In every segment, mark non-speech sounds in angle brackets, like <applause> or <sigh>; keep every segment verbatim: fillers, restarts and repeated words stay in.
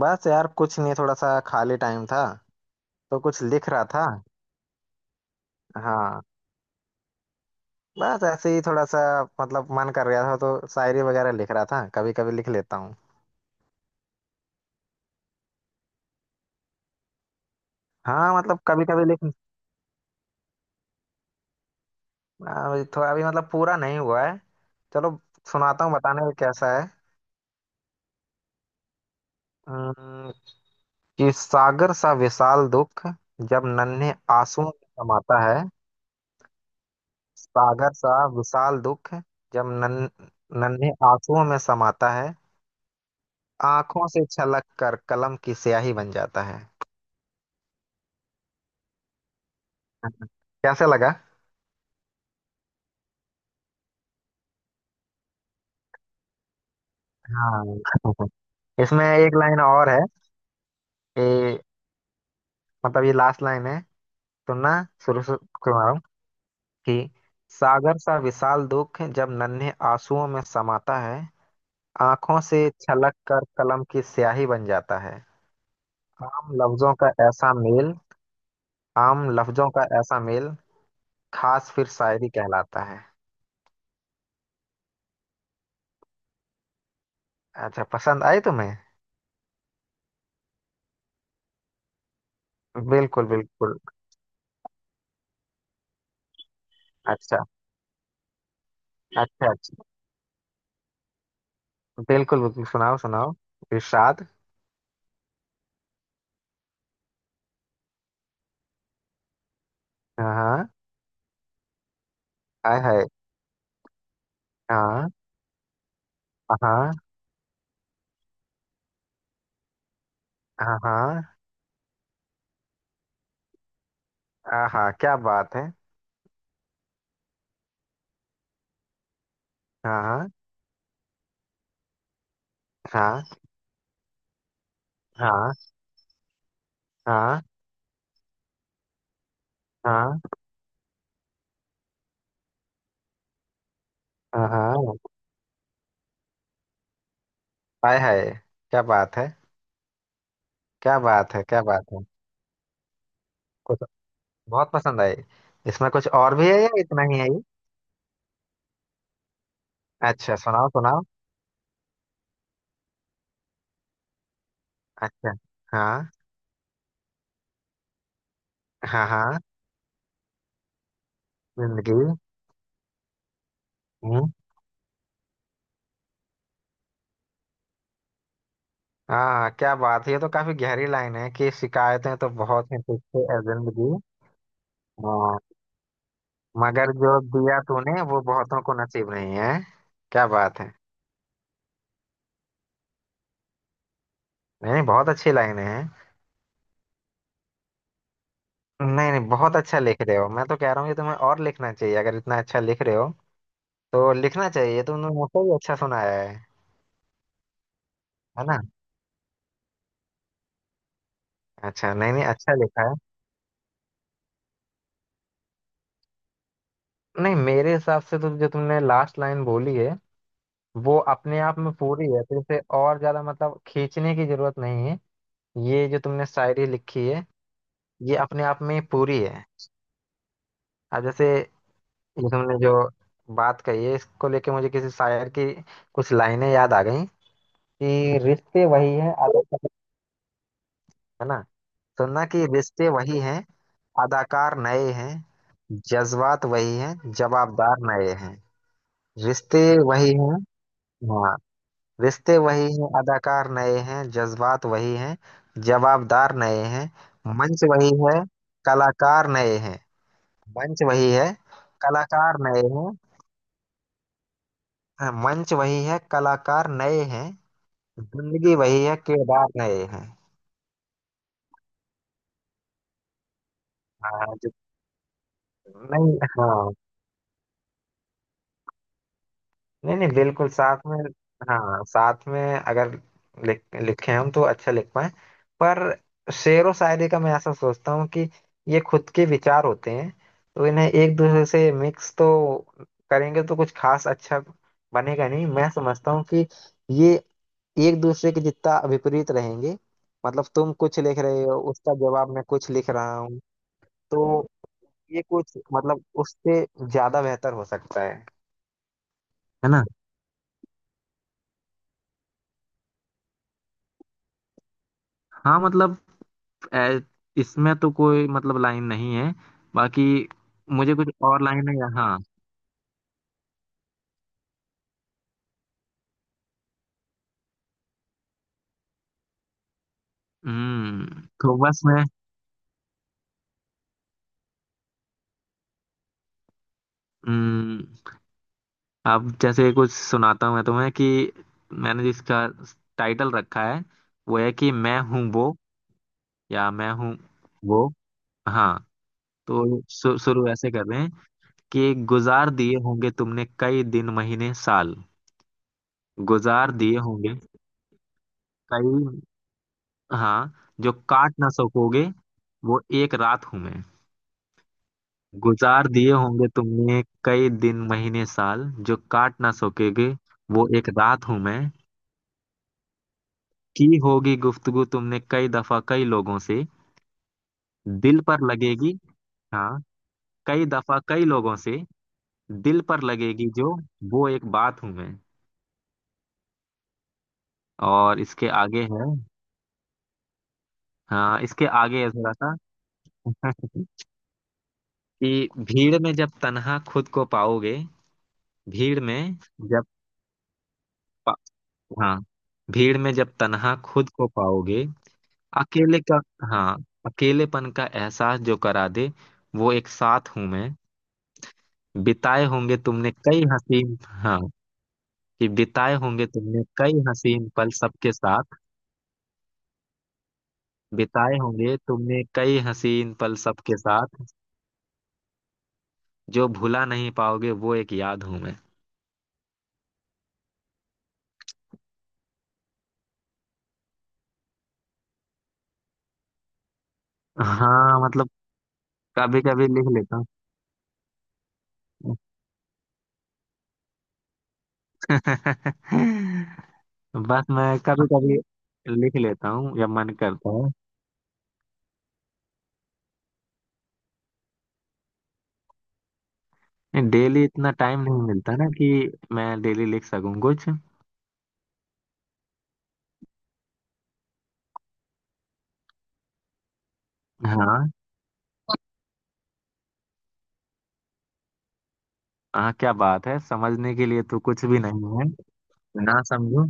बस यार कुछ नहीं, थोड़ा सा खाली टाइम था, तो कुछ लिख रहा था। हाँ, बस ऐसे ही थोड़ा सा। मतलब मन कर रहा था तो शायरी वगैरह लिख रहा था, कभी कभी लिख लेता हूँ। हाँ, मतलब कभी कभी लिख, अभी थोड़ा, अभी मतलब पूरा नहीं हुआ है। चलो, सुनाता हूँ बताने में कैसा है। अम्म, कि सागर सा विशाल दुख जब नन्हे आंसुओं में समाता है। सागर सा विशाल दुख जब नन, नन्हे आंसुओं में समाता है। आंखों से छलक कर कलम की स्याही बन जाता है। कैसे लगा? हाँ। <laughs> इसमें एक लाइन और है। कि मतलब ये लास्ट लाइन है। सुनना, शुरू से सुना रहा हूँ। कि सागर सा विशाल दुख जब नन्हे आंसुओं में समाता है, आंखों से छलक कर कलम की स्याही बन जाता है। आम लफ्जों का ऐसा मेल, आम लफ्जों का ऐसा मेल खास फिर शायरी कहलाता है। अच्छा, पसंद आई तुम्हें? बिल्कुल बिल्कुल। अच्छा अच्छा। अच्छा, बिल्कुल बिल्कुल, सुनाओ सुनाओ, इरशाद। हाँ हाँ। हाय हाय। हाँ। हाँ। हाँ हाँ। हाँ, क्या बात है। हाँ हाँ। हाँ हाँ। हाँ हाँ। हाँ। हाय हाय। क्या बात है, क्या बात है, क्या बात है। कुछ बहुत पसंद आई। इसमें कुछ और भी है या इतना ही है ये? अच्छा, सुनाओ सुनाओ। अच्छा। हाँ। हाँ। हाँ। जिंदगी। हम्म। हाँ, क्या बात है, ये तो काफी गहरी लाइन है कि शिकायतें तो बहुत हैं तुझसे ए जिंदगी। हाँ। मगर जो दिया तूने वो बहुतों को नसीब नहीं है। क्या बात है, नहीं नहीं, बहुत अच्छी लाइनें हैं। नहीं नहीं, बहुत अच्छा लिख रहे हो, मैं तो कह रहा हूँ कि तुम्हें और लिखना चाहिए। अगर इतना अच्छा लिख रहे हो तो लिखना चाहिए। तुमने मुझसे भी अच्छा सुनाया है है ना। अच्छा, नहीं नहीं, अच्छा लिखा है। नहीं, मेरे हिसाब से तो जो तुमने लास्ट लाइन बोली है, वो अपने आप में पूरी है, तो इसे और ज्यादा मतलब खींचने की जरूरत नहीं है। ये जो तुमने शायरी लिखी है, ये अपने आप में पूरी है। अब जैसे ये तुमने जो बात कही है, इसको लेके मुझे किसी शायर की कुछ लाइनें याद आ गई। कि रिश्ते वही है अदाकार, है ना। सुनना, कि रिश्ते वही हैं अदाकार नए हैं, जज्बात वही हैं जवाबदार नए हैं। रिश्ते वही हैं। हाँ। रिश्ते वही हैं अदाकार नए हैं, जज्बात वही हैं जवाबदार नए हैं। मंच वही है कलाकार नए हैं। मंच वही है कलाकार नए हैं। हाँ, मंच वही है कलाकार नए हैं, जिंदगी वही है किरदार नए हैं। हाँ जो। नहीं। हाँ, नहीं नहीं, बिल्कुल साथ में। हाँ, साथ में अगर लिख लिखे हम तो अच्छा लिख पाए। पर शेर व शायरी का मैं ऐसा सोचता हूँ कि ये खुद के विचार होते हैं, तो इन्हें एक दूसरे से मिक्स तो करेंगे तो कुछ खास अच्छा बनेगा नहीं। मैं समझता हूँ कि ये एक दूसरे के जितना विपरीत रहेंगे, मतलब तुम कुछ लिख रहे हो उसका जवाब मैं कुछ लिख रहा हूँ, तो ये कुछ मतलब उससे ज्यादा बेहतर हो सकता है। है ना। हाँ, मतलब ए, इसमें तो कोई मतलब लाइन नहीं है बाकी। मुझे कुछ और लाइन है, हाँ। हम्म तो बस मैं। हम्म। अब जैसे कुछ सुनाता हूँ मैं तुम्हें। कि मैंने जिसका टाइटल रखा है, वो है कि मैं हूँ वो। या मैं हूँ वो। हाँ, तो शु- शुरू ऐसे कर रहे हैं। कि गुजार दिए होंगे तुमने कई दिन महीने साल। गुजार दिए होंगे, कई। हाँ, जो काट ना सकोगे वो एक रात हूं मैं। गुजार दिए होंगे तुमने कई दिन महीने साल, जो काट ना सकोगे वो एक रात हूं मैं। की होगी गुफ्तगू तुमने कई दफा कई लोगों से, दिल पर लगेगी। हाँ, कई दफा कई लोगों से, दिल पर लगेगी जो, वो एक बात हूं मैं। और इसके आगे है। हाँ, इसके आगे है थोड़ा सा। <laughs> कि भीड़ में जब तन्हा खुद को पाओगे। भीड़ में जब पा- हाँ, भीड़ में जब तन्हा खुद को पाओगे। अकेले का हाँ, अकेलेपन का एहसास जो करा दे, वो एक साथ हूं मैं। बिताए होंगे तुमने कई हसीन। हाँ, कि बिताए होंगे तुमने कई हसीन पल सबके साथ। बिताए होंगे तुमने कई हसीन पल सबके साथ, जो भुला नहीं पाओगे वो एक याद हूं मैं। हाँ, मतलब कभी कभी लिख लेता हूँ। <laughs> बस मैं कभी कभी लिख लेता हूँ जब मन करता है। नहीं, डेली इतना टाइम नहीं मिलता ना कि मैं डेली लिख सकूं कुछ। हाँ हाँ, क्या बात है, समझने के लिए तो कुछ भी नहीं है। ना समझो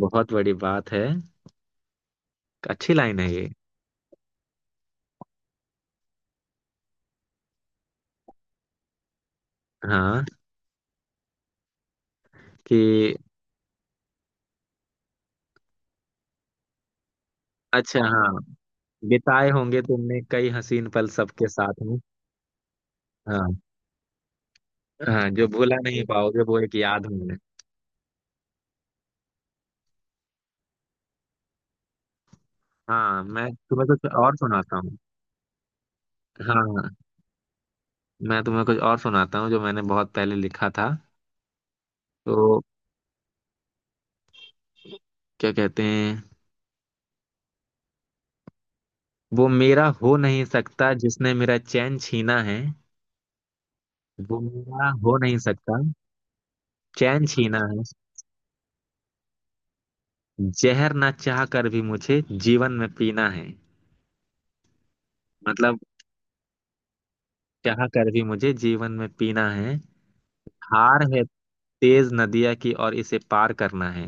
बहुत बड़ी बात है। अच्छी लाइन है ये। हाँ, कि अच्छा, हाँ, बिताए होंगे तुमने कई हसीन पल सबके साथ में। हाँ हाँ, जो भुला नहीं पाओगे वो एक याद होंगे। हाँ, मैं तुम्हें कुछ और सुनाता हूँ। हाँ, मैं तुम्हें कुछ और सुनाता हूँ जो मैंने बहुत पहले लिखा था। तो क्या कहते हैं, वो मेरा हो नहीं सकता जिसने मेरा चैन छीना है। वो मेरा हो नहीं सकता, चैन छीना है। जहर ना चाह कर भी मुझे जीवन में पीना है। मतलब चाह कर भी मुझे जीवन में पीना है। धार है तेज नदिया की, और इसे पार करना है।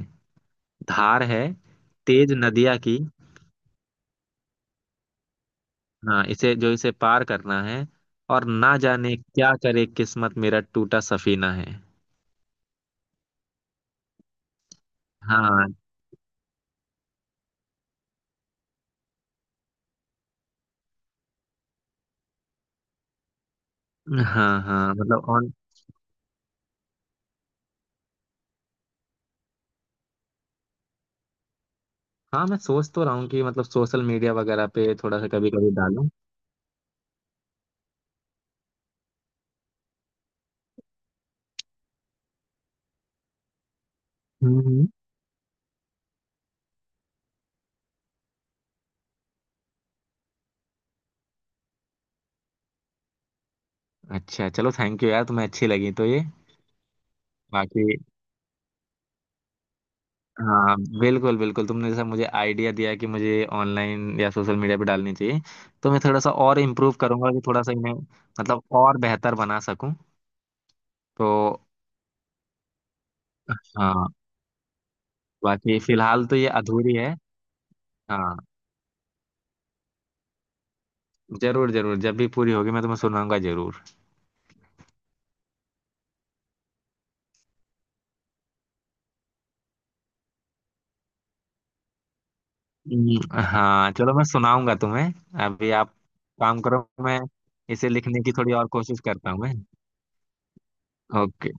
धार है तेज नदिया की, हाँ इसे, जो इसे पार करना है। और ना जाने क्या करे किस्मत, मेरा टूटा सफीना है। हाँ। हाँ, हाँ मतलब ऑन। हाँ, मैं सोच तो रहा हूँ कि मतलब सोशल मीडिया वगैरह पे थोड़ा सा कभी कभी डालूं। हम्म। हम्म। अच्छा, चलो थैंक यू यार, तुम्हें अच्छी लगी तो ये। बाकी। हाँ, बिल्कुल बिल्कुल, तुमने जैसा मुझे आइडिया दिया कि मुझे ऑनलाइन या सोशल मीडिया पे डालनी चाहिए, तो मैं थोड़ा सा और इम्प्रूव करूंगा कि थोड़ा सा इन्हें मतलब और बेहतर बना सकूं। तो हाँ, बाकी फिलहाल तो ये अधूरी है। हाँ, जरूर जरूर, जब भी पूरी होगी मैं तुम्हें सुनाऊंगा जरूर। हम्म, हाँ, चलो मैं सुनाऊंगा तुम्हें। अभी आप काम करो, मैं इसे लिखने की थोड़ी और कोशिश करता हूँ मैं। ओके।